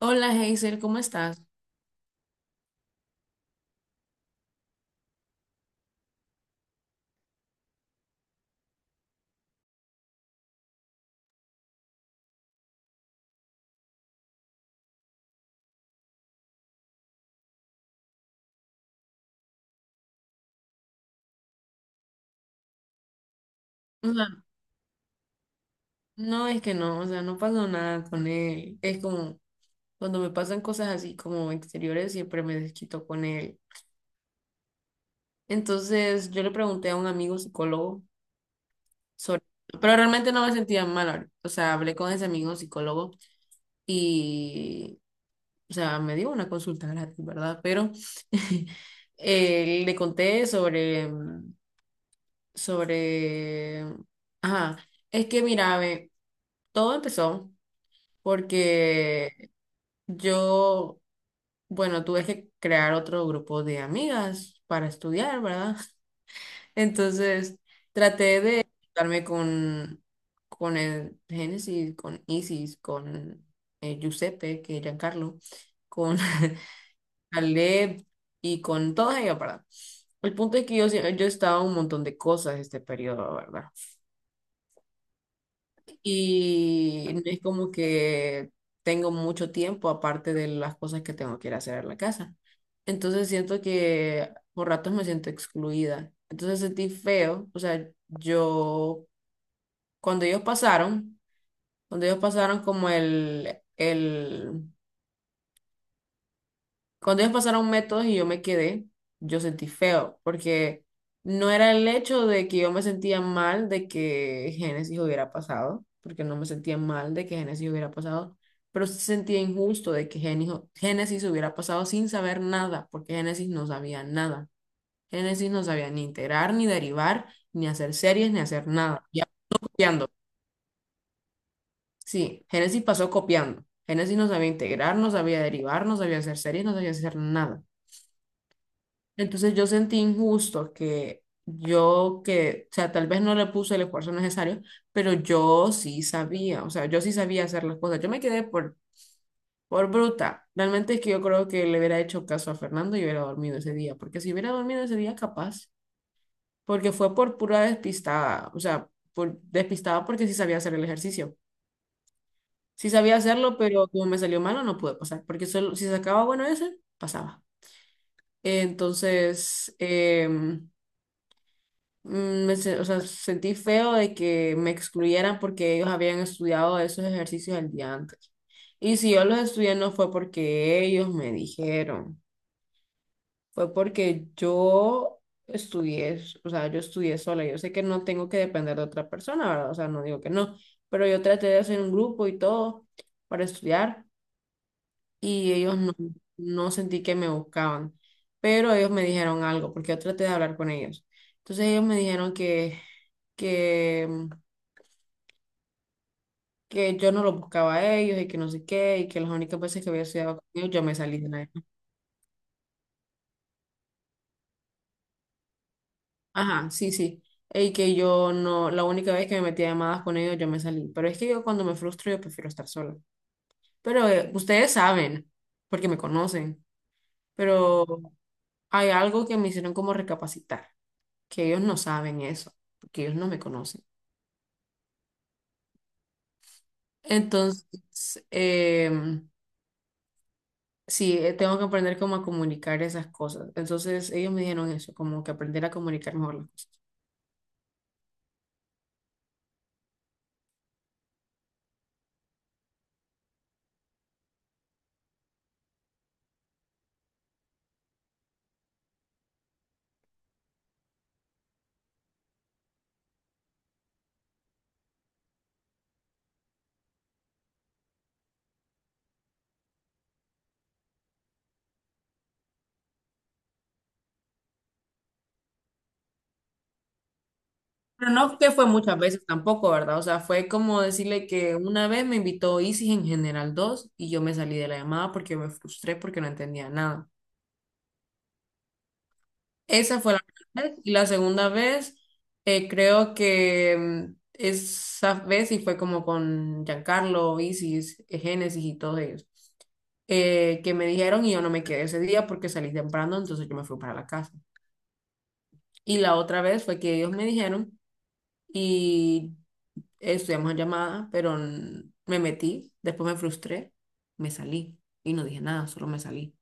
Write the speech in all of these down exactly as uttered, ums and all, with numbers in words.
Hola Hazel, ¿cómo estás? O sea, no es que no, o sea, no pasó nada con él. Es como cuando me pasan cosas así como exteriores, siempre me desquito con él. Entonces yo le pregunté a un amigo psicólogo sobre, pero realmente no me sentía mal. O sea, hablé con ese amigo psicólogo y, o sea, me dio una consulta gratis, ¿verdad? Pero eh, le conté sobre, sobre, ajá, es que mira, ve, todo empezó. Porque yo, bueno, tuve que crear otro grupo de amigas para estudiar, ¿verdad? Entonces, traté de juntarme con, con el Génesis, con Isis, con eh, Giuseppe, que es Giancarlo, con Caleb y con todas ellas, ¿verdad? El punto es que yo, sie- yo estaba en un montón de cosas este periodo, ¿verdad? Y no es como que tengo mucho tiempo aparte de las cosas que tengo que ir a hacer en la casa. Entonces siento que por ratos me siento excluida. Entonces sentí feo. O sea, yo, cuando ellos pasaron, cuando ellos pasaron como el, el cuando ellos pasaron métodos y yo me quedé, yo sentí feo, porque no era el hecho de que yo me sentía mal de que Génesis hubiera pasado, porque no me sentía mal de que Génesis hubiera pasado, pero sí sentía injusto de que Génijo- Génesis hubiera pasado sin saber nada, porque Génesis no sabía nada. Génesis no sabía ni integrar, ni derivar, ni hacer series, ni hacer nada. Ya copiando. Sí, Génesis pasó copiando. Génesis no sabía integrar, no sabía derivar, no sabía hacer series, no sabía hacer nada. Entonces yo sentí injusto que yo que, o sea, tal vez no le puse el esfuerzo necesario, pero yo sí sabía, o sea, yo sí sabía hacer las cosas. Yo me quedé por, por bruta. Realmente es que yo creo que le hubiera hecho caso a Fernando y hubiera dormido ese día, porque si hubiera dormido ese día, capaz, porque fue por pura despistada, o sea, por despistada porque sí sabía hacer el ejercicio. Sí sabía hacerlo, pero como me salió malo, no pude pasar, porque solo, si sacaba bueno ese, pasaba. Entonces, em, mm, me se- o sea, sentí feo de que me excluyeran porque ellos habían estudiado esos ejercicios el día antes. Y si yo los estudié no fue porque ellos me dijeron, fue porque yo estudié, o sea, yo estudié sola. Yo sé que no tengo que depender de otra persona, ¿verdad? O sea, no digo que no, pero yo traté de hacer un grupo y todo para estudiar y ellos no, no sentí que me buscaban, pero ellos me dijeron algo, porque yo traté de hablar con ellos. Entonces ellos me dijeron que, que, mm, que yo no los buscaba a ellos y que no sé qué, y que las únicas veces que había estudiado con ellos yo me salí de la llamada. Ajá, sí, sí. Y que yo no, la única vez que me metí a llamadas con ellos yo me salí. Pero es que yo cuando me frustro yo prefiero estar sola. Pero eh, ustedes saben, porque me conocen, pero hay algo que me hicieron como recapacitar. Que ellos no saben eso, porque ellos no me conocen. Entonces, em, sí, eh, tengo que aprender cómo a comunicar esas cosas. Entonces, ellos me dijeron eso, como que aprender a comunicar mejor las cosas. Pero no que fue muchas veces tampoco, ¿verdad? O sea, fue como decirle que una vez me invitó Isis en General dos y yo me salí de la llamada porque me frustré porque no entendía nada. Esa fue la primera vez. Y la segunda vez, eh, creo que mm, esa vez sí fue como con Giancarlo, Isis, eh, Génesis y todos ellos, eh, que me dijeron y yo no me quedé ese día porque salí temprano, entonces yo me fui para la casa. Y la otra vez fue que ellos me dijeron y estudiamos en llamada, pero mm, me metí, después me frustré, me salí y no dije nada, solo me salí.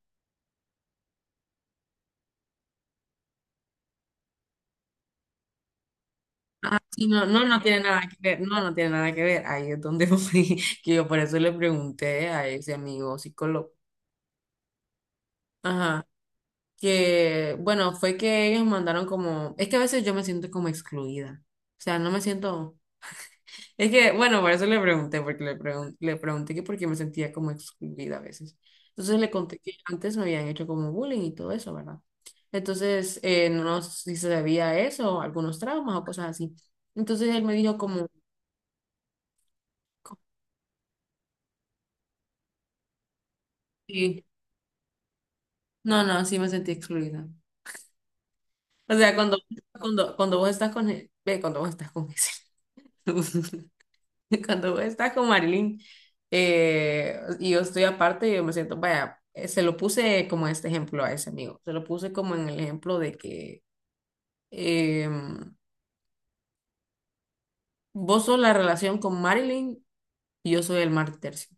Sí, no, no, no tiene nada que ver, no, no tiene nada que ver. Ahí es donde voy, que yo por eso le pregunté a ese amigo psicólogo. Ajá, que bueno, fue que ellos mandaron como, es que a veces yo me siento como excluida. O sea, no me siento, es que bueno, por eso le pregunté, porque le, pregun- le pregunté que por qué me sentía como excluida a veces. Entonces le conté que antes me habían hecho como bullying y todo eso, ¿verdad? Entonces, eh, no no sé si se debía a eso, algunos traumas o cosas así. Entonces él me dijo como... No, no, sí me sentí excluida. O sea, cuando, cuando, cuando vos estás con, e- ve, cuando vos estás con ese, cuando vos estás con Marilyn, eh, y yo estoy aparte, yo me siento, vaya, eh, se lo puse como este ejemplo a ese amigo, se lo puse como en el ejemplo de que eh, vos sos la relación con Marilyn y yo soy el mar tercio,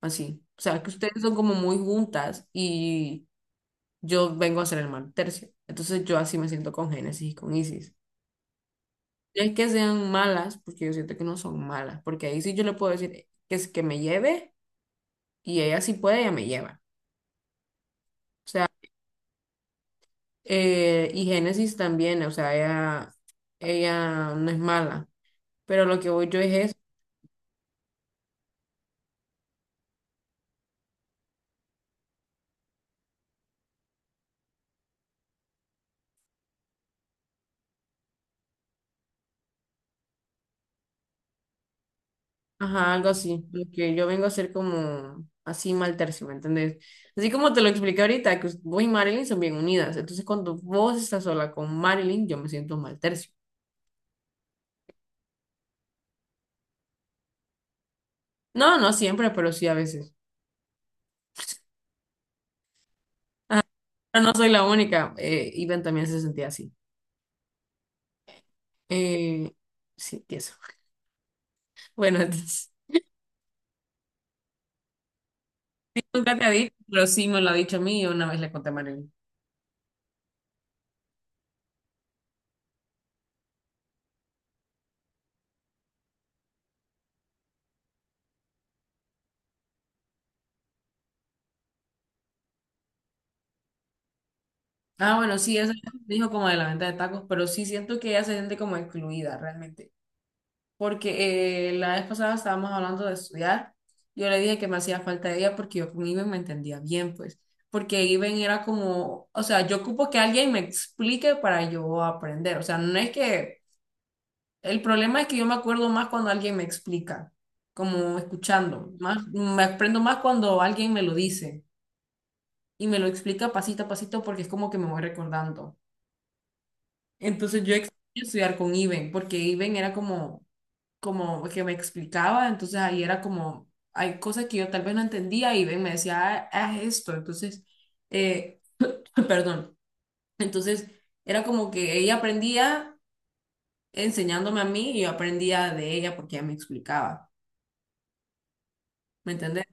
así. O sea, que ustedes son como muy juntas y yo vengo a ser el mar tercio. Entonces yo así me siento con Génesis y con Isis. No es que sean malas, porque yo siento que no son malas, porque ahí sí yo le puedo decir que es que me lleve y ella sí puede, ella me lleva. Eh, y Génesis también, o sea, ella, ella no es mala, pero lo que voy yo es eso, ajá, algo así, lo que yo vengo a hacer como así mal tercio, ¿me entendés? Así como te lo expliqué ahorita, que vos y Marilyn son bien unidas, entonces cuando vos estás sola con Marilyn, yo me siento mal tercio. No, no siempre, pero sí a veces. Pero no soy la única, eh, Iván también se sentía así. Eh, sí, eso. Bueno, entonces, nunca te ha dicho, pero sí me lo ha dicho a mí y una vez le conté a Marilyn. Ah, bueno, sí, eso me dijo como de la venta de tacos, pero sí siento que ella se siente como excluida realmente. Porque eh, la vez pasada estábamos hablando de estudiar. Yo le dije que me hacía falta ella porque yo con Iben me entendía bien, pues. Porque Iben era como, o sea, yo ocupo que alguien me explique para yo aprender. O sea, no es que el problema es que yo me acuerdo más cuando alguien me explica, como escuchando, más, me aprendo más cuando alguien me lo dice y me lo explica pasito a pasito porque es como que me voy recordando. Entonces yo extraño estudiar con Iben porque Iben era como, como que me explicaba, entonces ahí era como, hay cosas que yo tal vez no entendía y Iben me decía, ah, haz esto, entonces, eh, perdón, entonces era como que ella aprendía enseñándome a mí y yo aprendía de ella porque ella me explicaba. ¿Me entendés?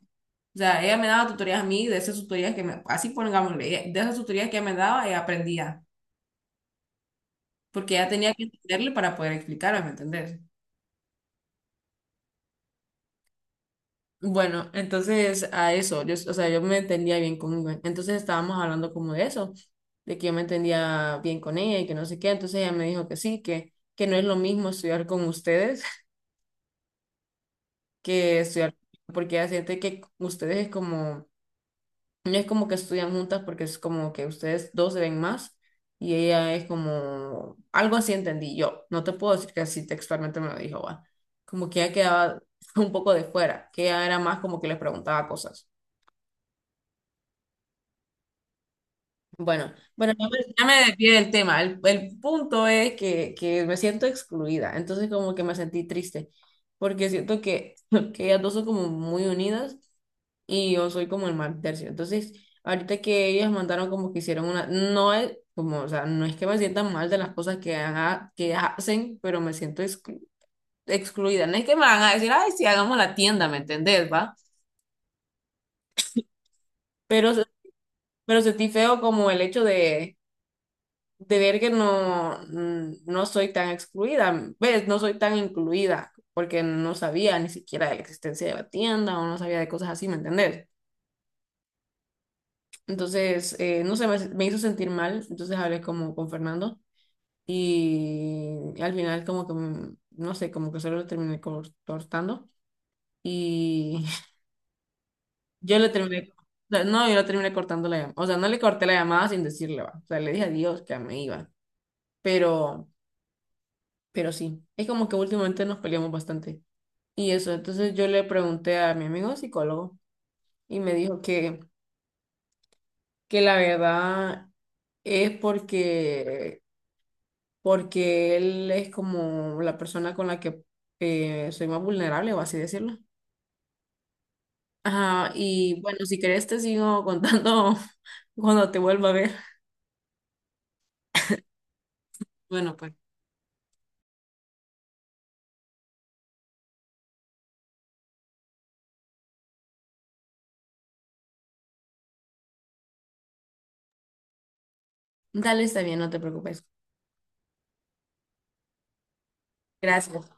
O sea, ella me daba tutorías a mí, de esas tutorías que me, así pongámosle, ella- de esas tutorías que ella me daba, ella aprendía, porque ella tenía que entenderle para poder explicarme, ¿me entendés? Bueno, entonces a eso, yo, o sea, yo me entendía bien conmigo. Entonces estábamos hablando como de eso, de que yo me entendía bien con ella y que no sé qué. Entonces ella me dijo que sí, que, que no es lo mismo estudiar con ustedes que estudiar, porque ella siente que ustedes es como no es como que estudian juntas porque es como que ustedes dos se ven más y ella es como, algo así entendí yo. No te puedo decir que así textualmente me lo dijo, va. Como que ella quedaba un poco de fuera, que ella era más como que les preguntaba cosas. Bueno, bueno, ya me, ya me desvié del tema. El, el punto es que, que me siento excluida, entonces como que me sentí triste porque siento que, que ellas dos son como muy unidas y yo soy como el mal tercio. Entonces, ahorita que ellas mandaron como que hicieron una, no es como, o sea, no es que me sientan mal de las cosas que, haga- que hacen, pero me siento exclu- excluida. No es que me van a decir, ay, sí, hagamos la tienda, ¿me entendés, va? Pero, se- pero sentí feo como el hecho de, de ver que no, mm, no soy tan excluida, ¿ves? No soy tan incluida. Porque no sabía ni siquiera de la existencia de la tienda o no sabía de cosas así, ¿me entendés? Entonces, eh, no sé, me, me hizo sentir mal, entonces hablé como con Fernando y al final como que, mm, no sé, como que solo lo terminé cor- cortando y yo le terminé, o sea, no, yo le terminé cortando la llamada, o sea, no le corté la llamada sin decirle, va, o sea, le dije adiós, que me iba, pero, pero sí, es como que últimamente nos peleamos bastante y eso, entonces yo le pregunté a mi amigo psicólogo y me dijo que, que la verdad es porque... Porque él es como la persona con la que eh, soy más vulnerable, o así decirlo. Ajá, y bueno, si querés te sigo contando cuando te vuelva a ver. Bueno, pues. Dale, está bien, no te preocupes. Gracias.